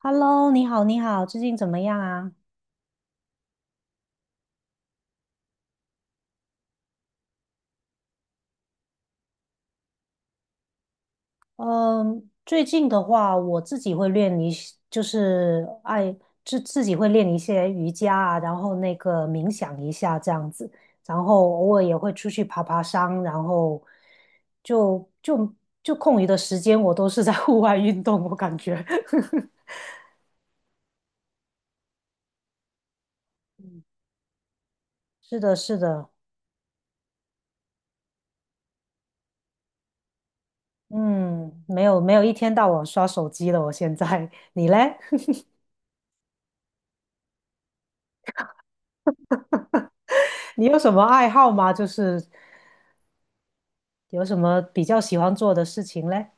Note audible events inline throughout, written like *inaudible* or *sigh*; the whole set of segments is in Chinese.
Hello，你好，你好，最近怎么样啊？嗯，最近的话，我自己会练一些，就是爱自自己会练一些瑜伽啊，然后那个冥想一下这样子，然后偶尔也会出去爬爬山，然后就就就空余的时间，我都是在 *laughs* 户外运动，我感觉。*laughs* 是的，是的，嗯，没有一天到晚刷手机了，我现在，你嘞？*laughs* 你有什么爱好吗？就是有什么比较喜欢做的事情嘞？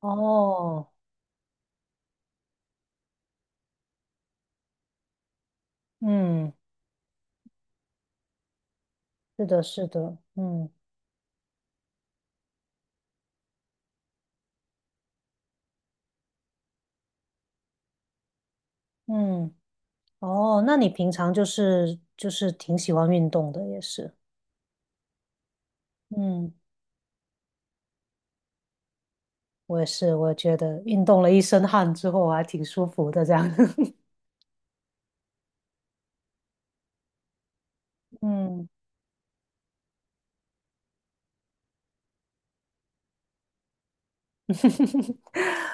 哦，嗯，是的，是的，嗯嗯，哦，那你平常就是挺喜欢运动的，也是。嗯，我也是，我觉得运动了一身汗之后，我还挺舒服的，这样，*laughs* 嗯。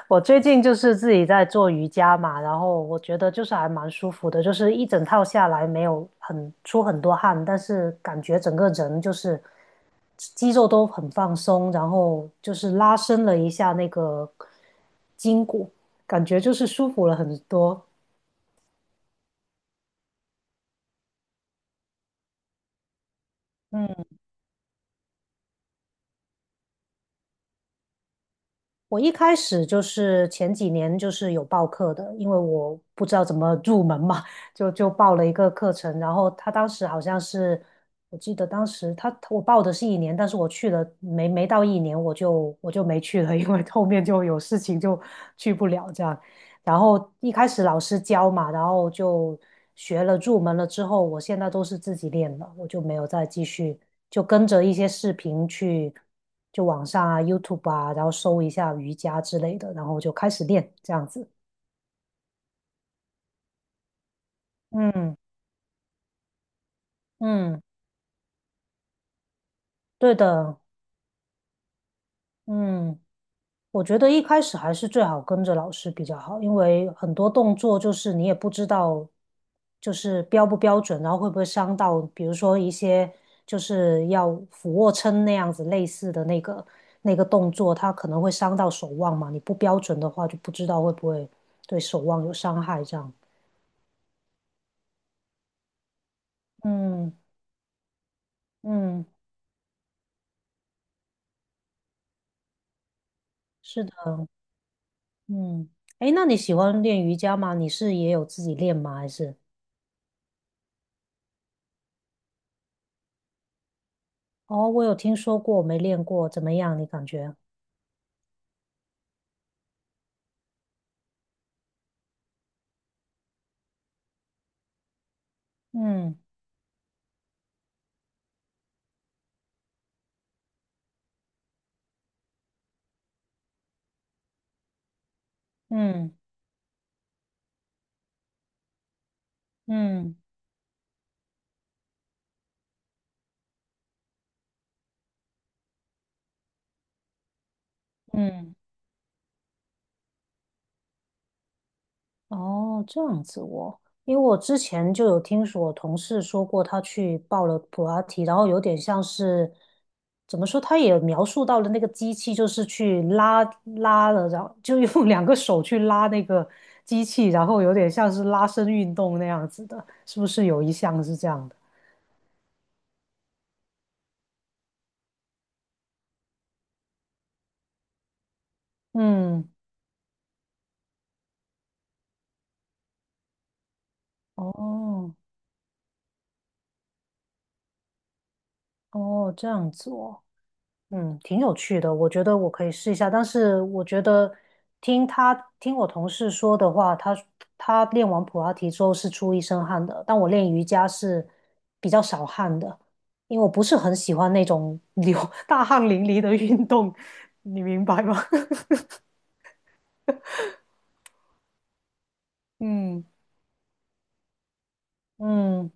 我最近就是自己在做瑜伽嘛，然后我觉得就是还蛮舒服的，就是一整套下来没有很出很多汗，但是感觉整个人就是肌肉都很放松，然后就是拉伸了一下那个筋骨，感觉就是舒服了很多。我一开始就是前几年就是有报课的，因为我不知道怎么入门嘛，就报了一个课程。然后他当时好像是，我记得当时我报的是一年，但是我去了没到一年，我就没去了，因为后面就有事情就去不了这样。然后一开始老师教嘛，然后就学了入门了之后，我现在都是自己练了，我就没有再继续，就跟着一些视频去，就网上啊、YouTube 啊，然后搜一下瑜伽之类的，然后就开始练这样子。嗯嗯，对的，嗯。我觉得一开始还是最好跟着老师比较好，因为很多动作就是你也不知道，就是标不标准，然后会不会伤到，比如说一些就是要俯卧撑那样子类似的那个动作，它可能会伤到手腕嘛，你不标准的话就不知道会不会对手腕有伤害这样。嗯嗯，是的，嗯，诶，那你喜欢练瑜伽吗？你是也有自己练吗？还是？哦，我有听说过，没练过，怎么样？你感觉？嗯嗯嗯嗯，哦，这样子哦，因为我之前就有听说我同事说过，他去报了普拉提，然后有点像是怎么说，他也描述到了那个机器，就是去拉了，然后就用 *laughs* 两个手去拉那个机器，然后有点像是拉伸运动那样子的，是不是有一项是这样的？嗯，哦哦，这样子哦。嗯，挺有趣的，我觉得我可以试一下。但是我觉得听他听我同事说的话，他练完普拉提之后是出一身汗的，但我练瑜伽是比较少汗的，因为我不是很喜欢那种流 *laughs* 大汗淋漓的运动，你明白吗？*laughs* 嗯嗯，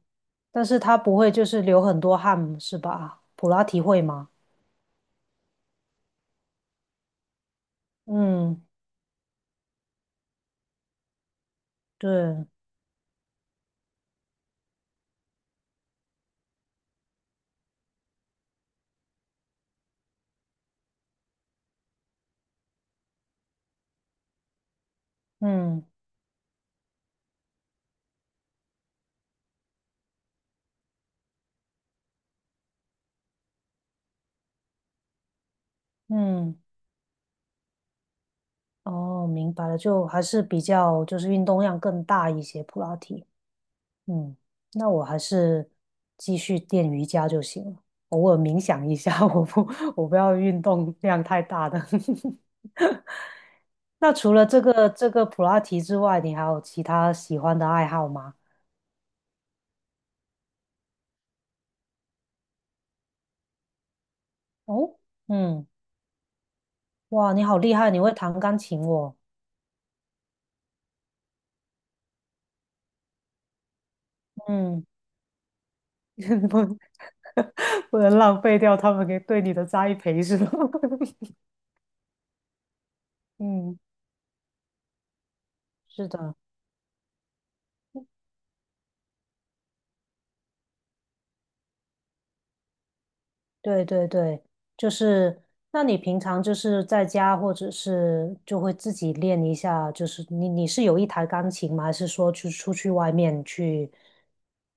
但是他不会就是流很多汗，是吧？普拉提会吗？嗯，对，嗯嗯。哦，明白了，就还是比较就是运动量更大一些，普拉提。嗯，那我还是继续练瑜伽就行了，偶尔冥想一下，*laughs* 我不要运动量太大的。*laughs* 那除了这个普拉提之外，你还有其他喜欢的爱好吗？哦，嗯，哇，你好厉害，你会弹钢琴哦。嗯，*laughs* 不不能浪费掉他们给对你的栽培是吧？*laughs* 嗯，是的。对对对，就是，那你平常就是在家，或者是就会自己练一下，就是你是有一台钢琴吗？还是说去出去外面去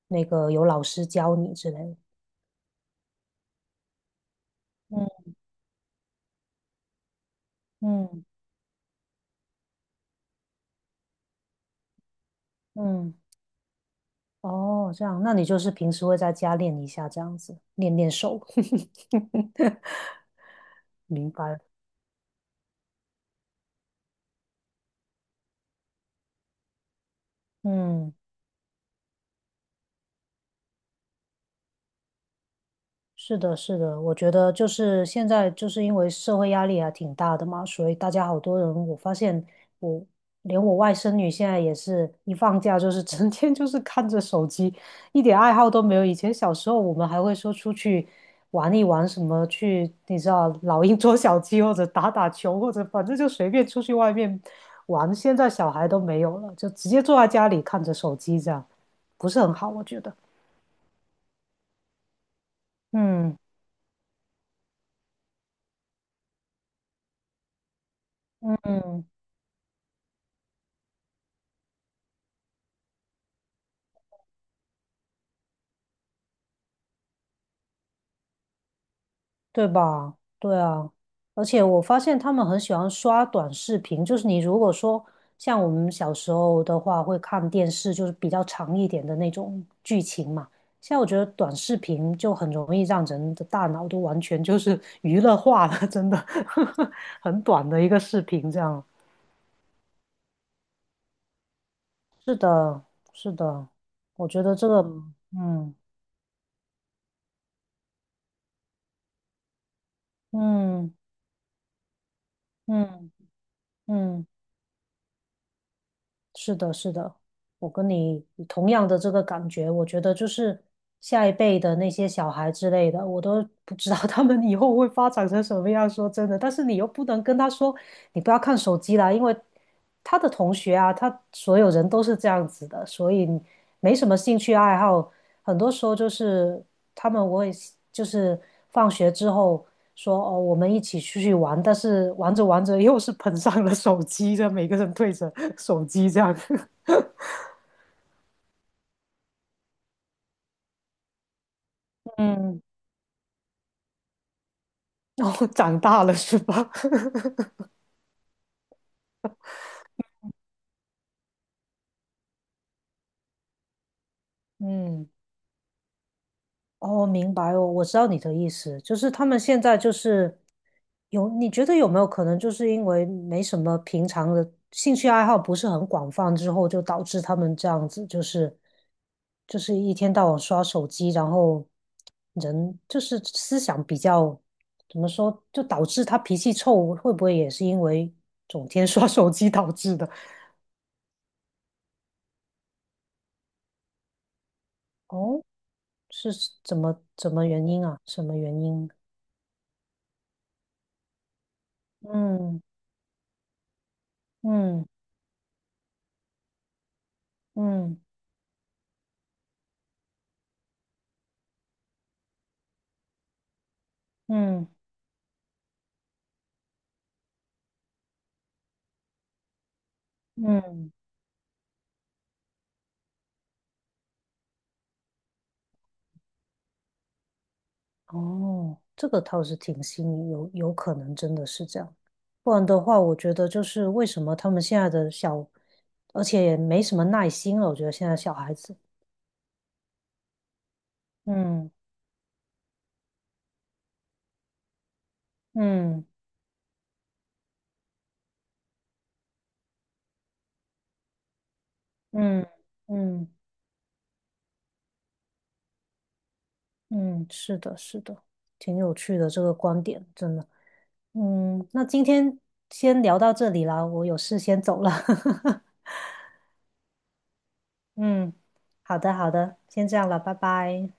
那个有老师教你之类的。嗯嗯嗯，哦，这样，那你就是平时会在家练一下，这样子练练手。*laughs* 明白了，嗯。是的，是的，我觉得就是现在，就是因为社会压力还挺大的嘛，所以大家好多人，我发现我连我外甥女现在也是一放假就是 *laughs* 整天就是看着手机，一点爱好都没有。以前小时候我们还会说出去玩一玩，什么去你知道老鹰捉小鸡，或者打打球，或者反正就随便出去外面玩。现在小孩都没有了，就直接坐在家里看着手机这样，不是很好，我觉得。嗯嗯。对吧？对啊，而且我发现他们很喜欢刷短视频，就是你如果说像我们小时候的话，会看电视，就是比较长一点的那种剧情嘛。现在我觉得短视频就很容易让人的大脑都完全就是娱乐化了，真的，*laughs* 很短的一个视频这样。是的，是的，我觉得这个，嗯嗯嗯嗯。嗯，是的，是的，我跟你同样的这个感觉，我觉得就是下一辈的那些小孩之类的，我都 *laughs* 不知道 *laughs* 他们以后会发展成什么样。说真的，但是你又不能跟他说你不要看手机啦，因为他的同学啊，他所有人都是这样子的，所以没什么兴趣爱好，很多时候就是。他们我也就是放学之后说哦，我们一起出去玩，但是玩着玩着又是捧上了手机，这样每个人对着手机这样，*laughs* 嗯，然后长大了是吧？*laughs* 嗯。哦，明白哦，我知道你的意思，就是他们现在就是有，你觉得有没有可能就是因为没什么平常的兴趣爱好不是很广泛之后，就导致他们这样子，就是一天到晚刷手机，然后人就是思想比较怎么说，就导致他脾气臭，会不会也是因为整天 *laughs* 刷手机导致的？哦，是怎么原因啊？什么原因？嗯嗯嗯。嗯嗯，哦，这个倒是挺新颖，有可能真的是这样。不然的话，我觉得就是为什么他们现在的小，而且也没什么耐心了。我觉得现在小孩子，嗯嗯嗯嗯嗯，是的，是的，挺有趣的这个观点，真的。嗯，那今天先聊到这里啦，我有事先走了。*laughs* 嗯，好的好的，先这样了，拜拜。